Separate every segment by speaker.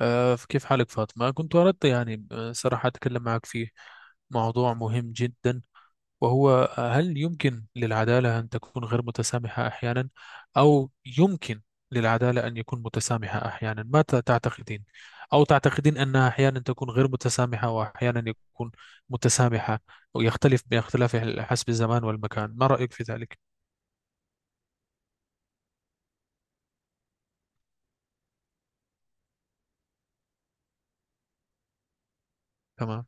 Speaker 1: كيف حالك فاطمة؟ كنت أردت يعني صراحة أتكلم معك في موضوع مهم جدا. وهو هل يمكن للعدالة أن تكون غير متسامحة أحيانا، أو يمكن للعدالة أن يكون متسامحة أحيانا؟ ما تعتقدين؟ أو تعتقدين أنها أحيانا تكون غير متسامحة وأحيانا يكون متسامحة، ويختلف باختلاف حسب الزمان والمكان؟ ما رأيك في ذلك؟ تمام،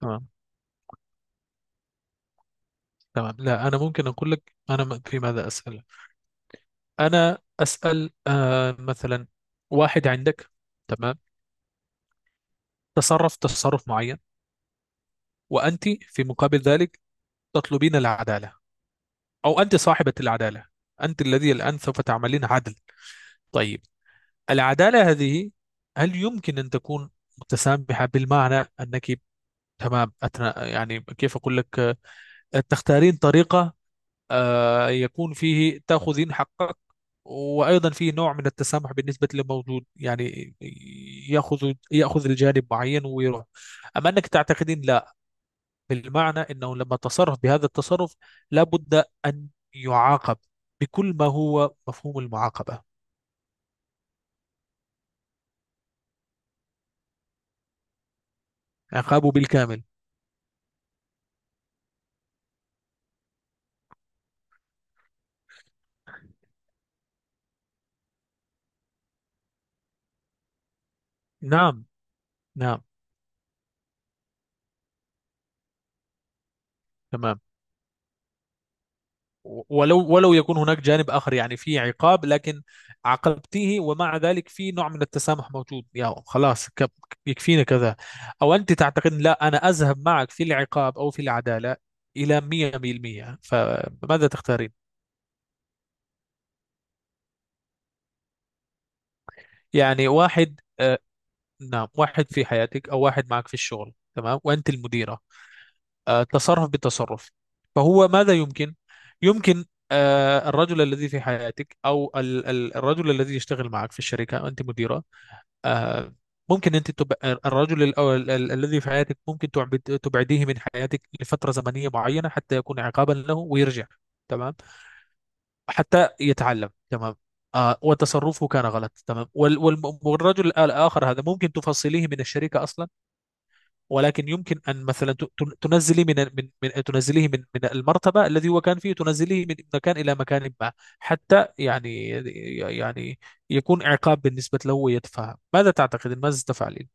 Speaker 1: تمام، تمام. لا، أنا ممكن أقول لك، أنا في ماذا أسأل. انا اسال مثلا، واحد عندك، تمام، تصرف معين، وانت في مقابل ذلك تطلبين العداله، او انت صاحبه العداله، انت الذي الان سوف تعملين عدل. طيب، العداله هذه هل يمكن ان تكون متسامحه بالمعنى انك، تمام أتنا، يعني كيف اقول لك، تختارين طريقه يكون فيه تأخذين حقك، وأيضا فيه نوع من التسامح بالنسبة للموجود، يعني يأخذ الجانب معين ويروح. أما أنك تعتقدين لا، بالمعنى أنه لما تصرف بهذا التصرف لابد أن يعاقب بكل ما هو مفهوم المعاقبة، عقابه بالكامل. نعم، نعم. تمام. ولو يكون هناك جانب آخر، يعني في عقاب لكن عاقبتيه، ومع ذلك في نوع من التسامح موجود، يا خلاص يكفينا كذا، أو أنت تعتقد لا أنا أذهب معك في العقاب أو في العدالة إلى 100%؟ فماذا تختارين؟ يعني واحد، نعم، واحد في حياتك أو واحد معك في الشغل، تمام، وأنت المديرة، تصرف بتصرف، فهو ماذا يمكن؟ يمكن الرجل الذي في حياتك، او الرجل الذي يشتغل معك في الشركه انت مديره، آه، ممكن انت تبقى الرجل الذي في حياتك ممكن تبعديه من حياتك لفتره زمنيه معينه حتى يكون عقابا له ويرجع، تمام، حتى يتعلم، تمام. وتصرفه كان غلط، تمام، والرجل الاخر هذا ممكن تفصليه من الشركه اصلا، ولكن يمكن ان مثلا تنزليه من المرتبه الذي هو كان فيه، تنزليه من مكان الى مكان ما، حتى يعني يعني يكون عقاب بالنسبه له ويتفهم. ماذا تعتقد؟ ماذا تفعلين؟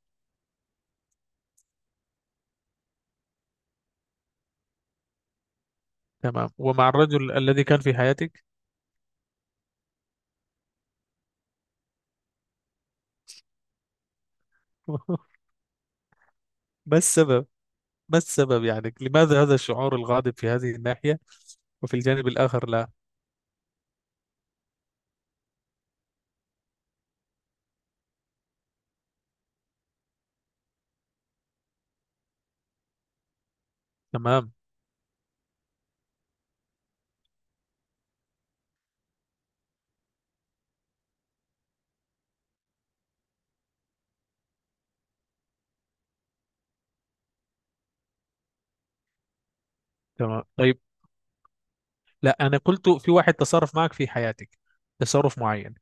Speaker 1: تمام. ومع الرجل الذي كان في حياتك؟ ما السبب ما السبب، يعني لماذا هذا الشعور الغاضب في هذه الناحية، وفي الجانب الآخر لا؟ تمام. تمام، طيب. لا، أنا قلت في واحد تصرف معك في حياتك، تصرف معين،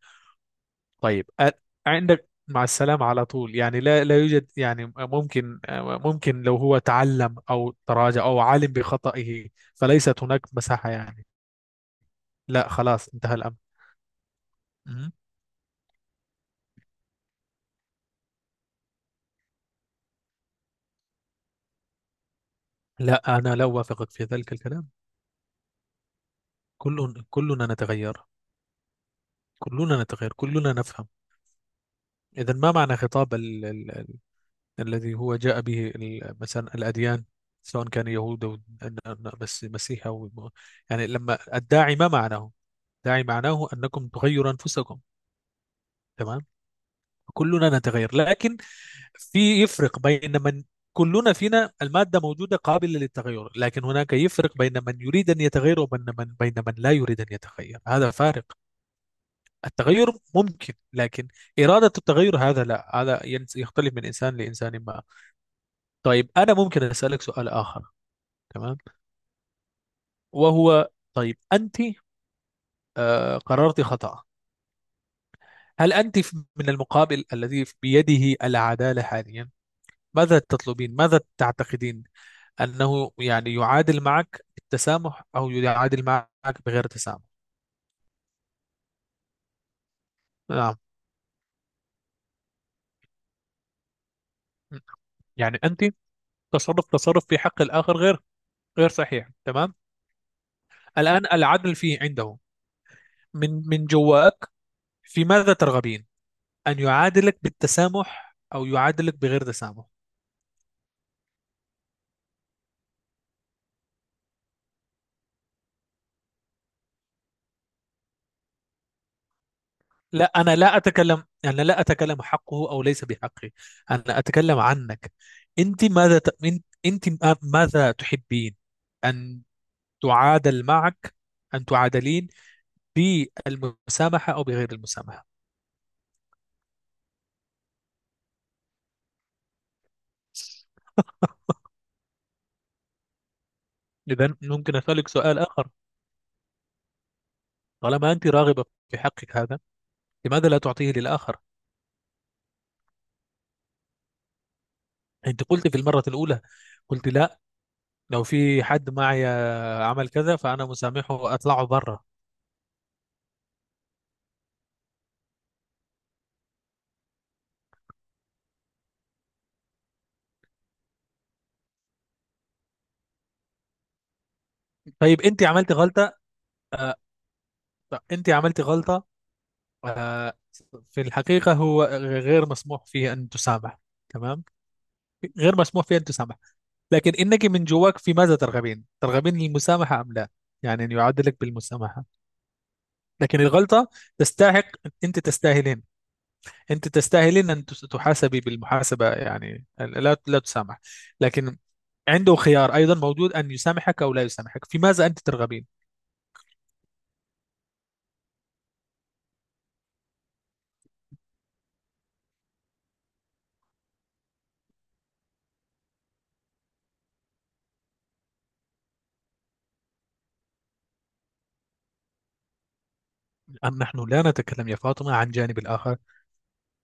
Speaker 1: طيب، عندك مع السلامة على طول، يعني لا، لا يوجد يعني ممكن، ممكن لو هو تعلم أو تراجع أو علم بخطئه، فليست هناك مساحة يعني، لا، خلاص انتهى الأمر؟ مهم. لا، أنا لا أوافقك في ذلك الكلام. كلنا نتغير، كلنا نتغير، كلنا نفهم. إذا ما معنى خطاب الذي هو جاء به مثلا الأديان، سواء كان يهود أو بس مسيح، أو يعني لما الداعي، ما معناه؟ الداعي معناه أنكم تغيروا أنفسكم، تمام. كلنا نتغير، لكن في يفرق بين من كلنا فينا المادة موجودة قابلة للتغير، لكن هناك يفرق بين من يريد أن يتغير وبين من لا يريد أن يتغير، هذا فارق. التغير ممكن، لكن إرادة التغير هذا لا، هذا يختلف من إنسان لإنسان ما. طيب، أنا ممكن أسألك سؤال آخر؟ تمام. وهو، طيب أنت قررت خطأ، هل أنت من المقابل الذي بيده العدالة حاليا، ماذا تطلبين؟ ماذا تعتقدين أنه يعني يعادل معك بالتسامح أو يعادل معك بغير تسامح؟ نعم. يعني أنت، تصرف، في حق الآخر غير، صحيح، تمام، الآن العدل فيه عنده، من جواك في ماذا ترغبين؟ أن يعادلك بالتسامح أو يعادلك بغير تسامح؟ لا، أنا لا أتكلم، حقه أو ليس بحقه، أنا أتكلم عنك، أنت ماذا ت... أنت أنت ماذا تحبين أن تعادل معك أن تعادلين، بالمسامحة أو بغير المسامحة؟ إذا ممكن أسألك سؤال آخر؟ طالما أنت راغبة في حقك هذا، لماذا لا تعطيه للآخر؟ أنت قلت في المرة الأولى، قلت لا، لو في حد معي عمل كذا فانا مسامحه، اطلعه بره. طيب انت عملتي غلطه، آه، انت عملتي غلطه، آه، في الحقيقه هو غير مسموح فيه ان تسامح، تمام، غير مسموح فيه ان تسامح، لكن انك من جواك في ماذا ترغبين؟ المسامحه ام لا، يعني ان يعاد لك بالمسامحه، لكن الغلطه تستحق، انت تستاهلين، ان تحاسبي بالمحاسبه، يعني لا، لا تسامح، لكن عنده خيار أيضا موجود أن يسامحك أو لا يسامحك، في ماذا أنت ترغبين؟ أم نحن لا نتكلم يا فاطمة عن جانب الآخر،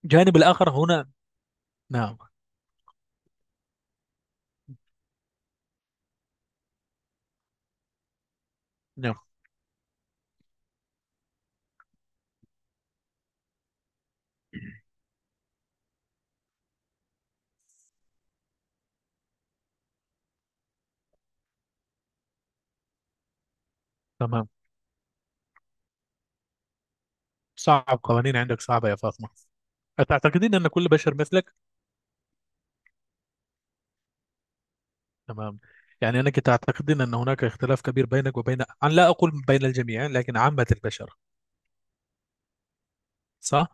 Speaker 1: جانب الآخر هنا؟ نعم، نعم. تمام. صعب، قوانين عندك صعبة يا فاطمة، أتعتقدين أن كل بشر مثلك؟ تمام. يعني أنك تعتقدين أن هناك اختلاف كبير بينك وبين، أنا لا أقول بين الجميع، لكن عامة البشر، صح؟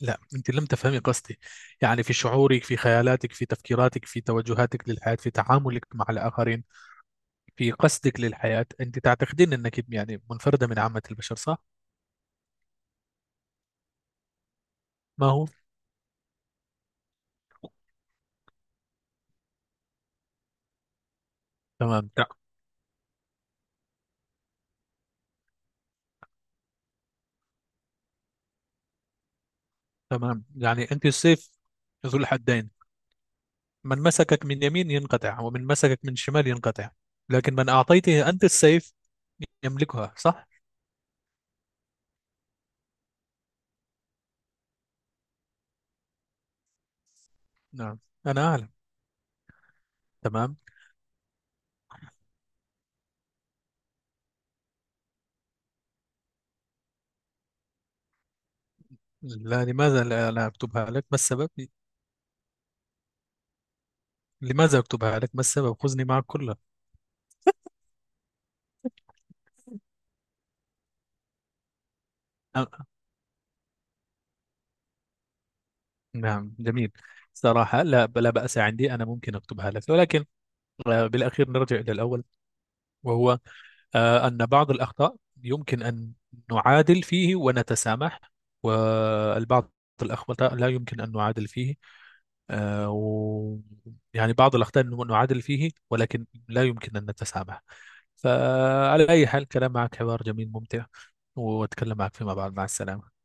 Speaker 1: لا، أنت لم تفهمي قصدي، يعني في شعورك، في خيالاتك، في تفكيراتك، في توجهاتك للحياة، في تعاملك مع الآخرين، في قصدك للحياة، أنت تعتقدين أنك يعني منفردة من عامة البشر، صح؟ ما هو؟ تمام، تمام. يعني أنت السيف ذو الحدين، من مسكك من يمين ينقطع ومن مسكك من شمال ينقطع، لكن من أعطيته أنت السيف يملكها، صح؟ نعم. أنا أعلم. تمام. لا، لماذا؟ لا، لا أكتبها لك، ما السبب؟ لماذا أكتبها لك؟ ما السبب؟ خذني معك كلها. أ- نعم، جميل. صراحة لا، لا بأس عندي، أنا ممكن أكتبها لك، ولكن بالأخير نرجع إلى الأول، وهو أن بعض الأخطاء يمكن أن نعادل فيه ونتسامح، والبعض الأخطاء لا يمكن أن نعادل فيه، آه، و يعني بعض الأخطاء نعادل فيه، ولكن لا يمكن أن نتسامح. فعلى أي حال، كلام معك حوار جميل ممتع، وأتكلم معك فيما بعد، مع السلامة.